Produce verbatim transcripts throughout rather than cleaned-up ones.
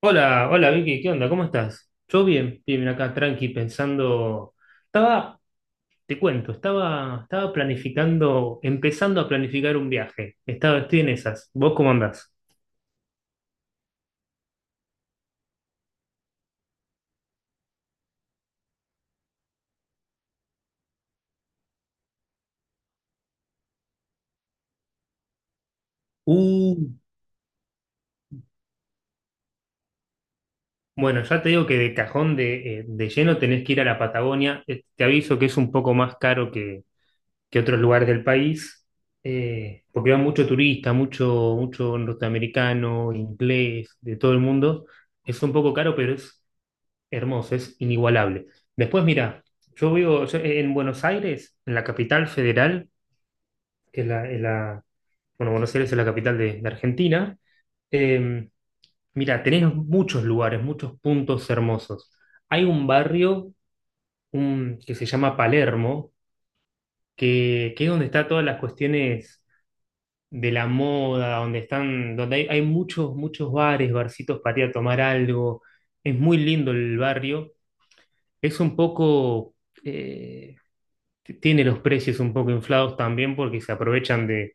Hola, hola Vicky, ¿qué onda? ¿Cómo estás? Yo bien, bien acá, tranqui, pensando. Estaba, te cuento, estaba, estaba planificando, empezando a planificar un viaje. Estaba, estoy en esas. ¿Vos cómo andás? Uh, bueno, ya te digo que de cajón de, eh, de lleno tenés que ir a la Patagonia. Eh, Te aviso que es un poco más caro que, que otros lugares del país, eh, porque va mucho turista, mucho, mucho norteamericano, inglés, de todo el mundo. Es un poco caro, pero es hermoso, es inigualable. Después, mira, yo vivo yo eh, en Buenos Aires, en la capital federal, que es la, es la- bueno, Buenos Aires es la capital de, de Argentina. Eh, Mira, tenés muchos lugares, muchos puntos hermosos. Hay un barrio un- que se llama Palermo, que, que es donde están todas las cuestiones de la moda, donde están, donde hay, hay muchos, muchos bares, barcitos para ir a tomar algo. Es muy lindo el barrio. Es un poco eh, tiene los precios un poco inflados también porque se aprovechan de,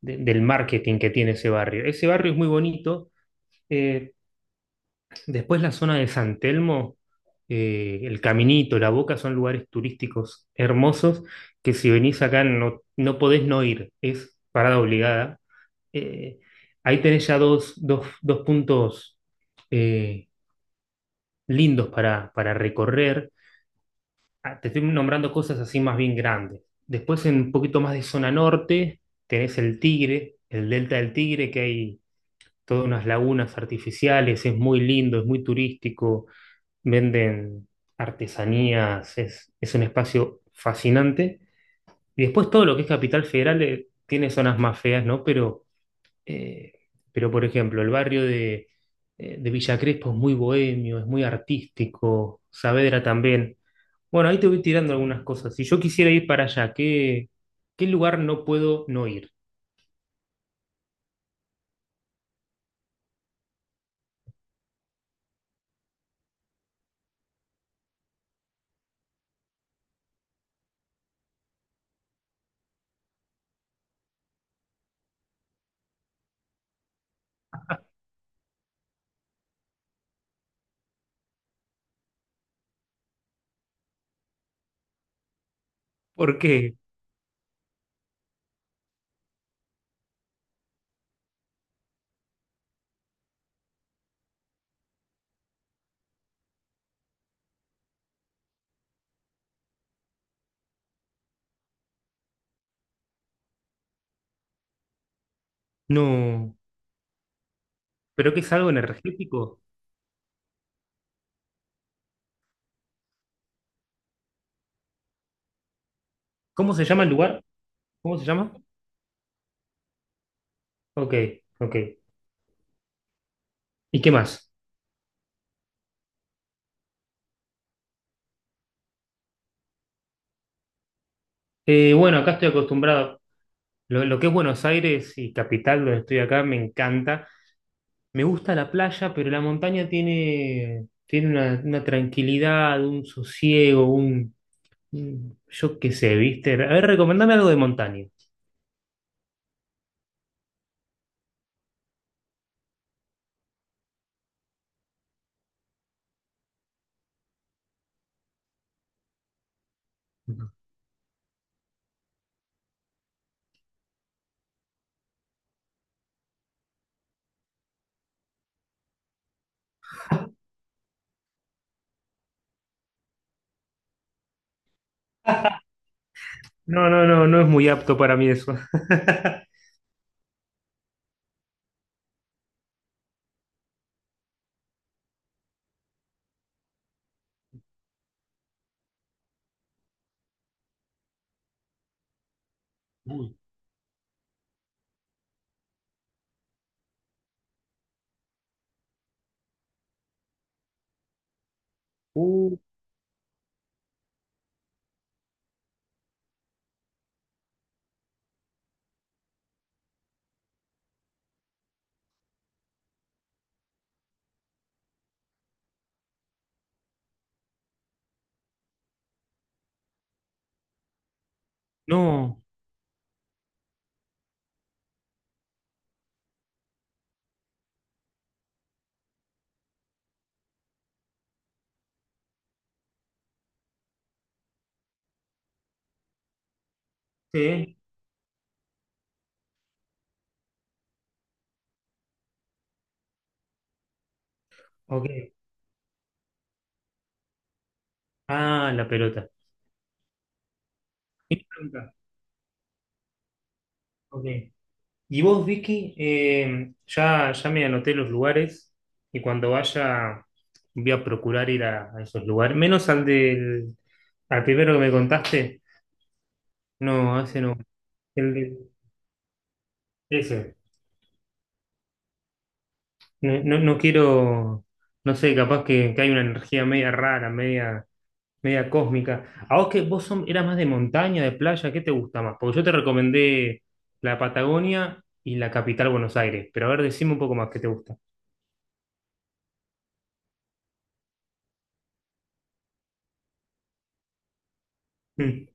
de- del marketing que tiene ese barrio. Ese barrio es muy bonito. Eh, Después, la zona de San Telmo, eh, el Caminito, La Boca son lugares turísticos hermosos que si venís acá no, no podés no ir, es parada obligada. Eh, Ahí tenés ya dos, dos- dos puntos eh, lindos para, para recorrer. Ah, te estoy nombrando cosas así más bien grandes. Después, en un poquito más de zona norte, tenés el Tigre, el Delta del Tigre, que hay todas unas lagunas artificiales, es muy lindo, es muy turístico, venden artesanías, es, es un espacio fascinante. Y después, todo lo que es Capital Federal, eh, tiene zonas más feas, ¿no? Pero eh, pero, por ejemplo, el barrio de, eh, de Villa Crespo es muy bohemio, es muy artístico, Saavedra también. Bueno, ahí te voy tirando algunas cosas. Si yo quisiera ir para allá, ¿qué, qué lugar no puedo no ir? ¿Por qué? No. ¿Pero qué es algo energético? ¿Cómo se llama el lugar? ¿Cómo se llama? Ok, ok. ¿Y qué más? Eh, bueno, acá estoy acostumbrado. Lo, lo que es Buenos Aires y capital, donde estoy acá, me encanta. Me gusta la playa, pero la montaña tiene, tiene una, una tranquilidad, un sosiego, un, un- yo qué sé, ¿viste? A ver, recomendame algo de montaña. No, no, no, no es muy apto para mí eso. Uy. Uh, no. Sí. Ok. Ah, la pelota. Pregunta. Ok. Y vos, Vicky, eh, ya, ya me anoté los lugares y cuando vaya voy a procurar ir a, a esos lugares, menos al del, al primero que me contaste. No, ese no. El de- ese. No, no, no quiero, no sé, capaz que, que hay una energía media rara, media, media cósmica. ¿A vos que vos son, eras más de montaña, de playa? ¿Qué te gusta más? Porque yo te recomendé la Patagonia y la capital Buenos Aires, pero a ver, decime un poco más qué te gusta. Mm,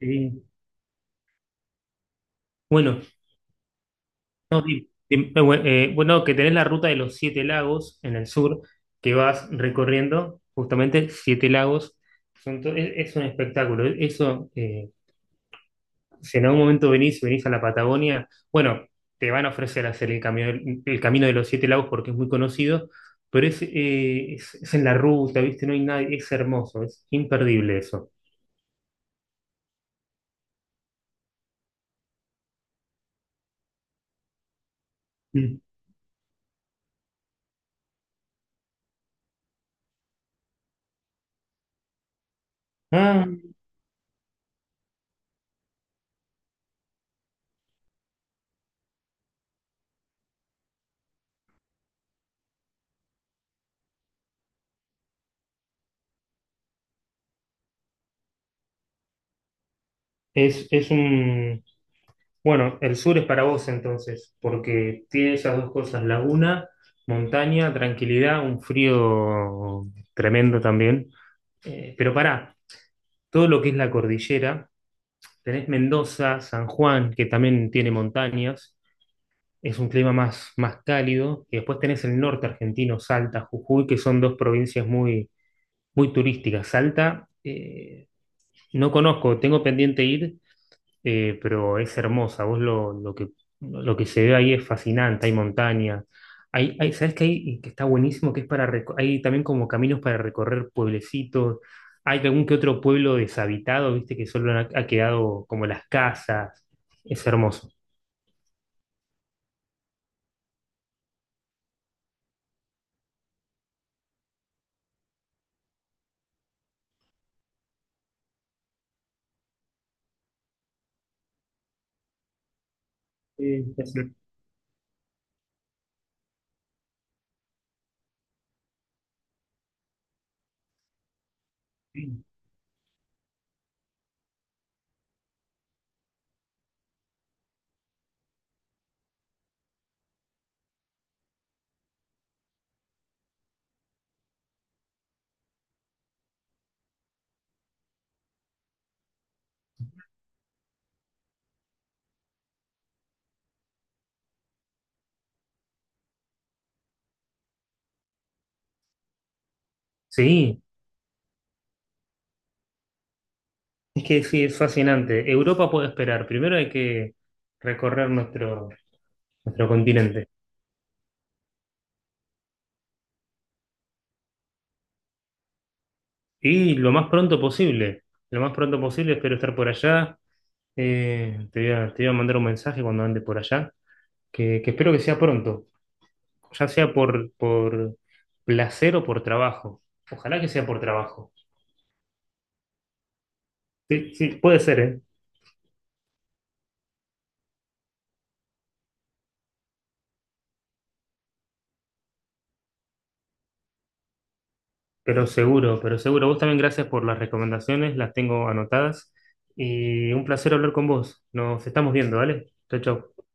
sí. Bueno, em, eh, bue- eh, bueno, que tenés la ruta de los siete lagos en el sur, que vas recorriendo justamente siete lagos. Son to- es, es un espectáculo. Eso eh, si en algún momento venís, venís a la Patagonia, bueno, te van a ofrecer hacer el camino, el camino de los Siete Lagos porque es muy conocido, pero es, eh, es, es en la ruta, ¿viste? No hay nadie, es hermoso, es imperdible eso. Mm. Ah, es, es un... Bueno, el sur es para vos entonces, porque tiene esas dos cosas, laguna, montaña, tranquilidad, un frío tremendo también. Eh, pero pará, todo lo que es la cordillera, tenés Mendoza, San Juan, que también tiene montañas, es un clima más, más cálido. Y después tenés el norte argentino, Salta, Jujuy, que son dos provincias muy, muy turísticas. Salta, eh, no conozco, tengo pendiente ir, eh, pero es hermosa. Vos lo, lo que, lo que se ve ahí es fascinante, hay montañas. Hay, hay, ¿sabés qué hay? Y que está buenísimo, que es para reco- hay también como caminos para recorrer pueblecitos. Hay algún que otro pueblo deshabitado, viste, que solo ha, ha quedado como las casas. Es hermoso. Sí, Es- sí, es que sí, es fascinante. Europa puede esperar. Primero hay que recorrer nuestro, nuestro continente. Y lo más pronto posible. Lo más pronto posible, espero estar por allá. Eh, te voy a, te voy a mandar un mensaje cuando ande por allá, que, que espero que sea pronto, ya sea por, por placer o por trabajo. Ojalá que sea por trabajo. Sí, sí, puede ser, ¿eh? Pero seguro, pero seguro. Vos también, gracias por las recomendaciones, las tengo anotadas. Y un placer hablar con vos. Nos estamos viendo, ¿vale? Chau, chau.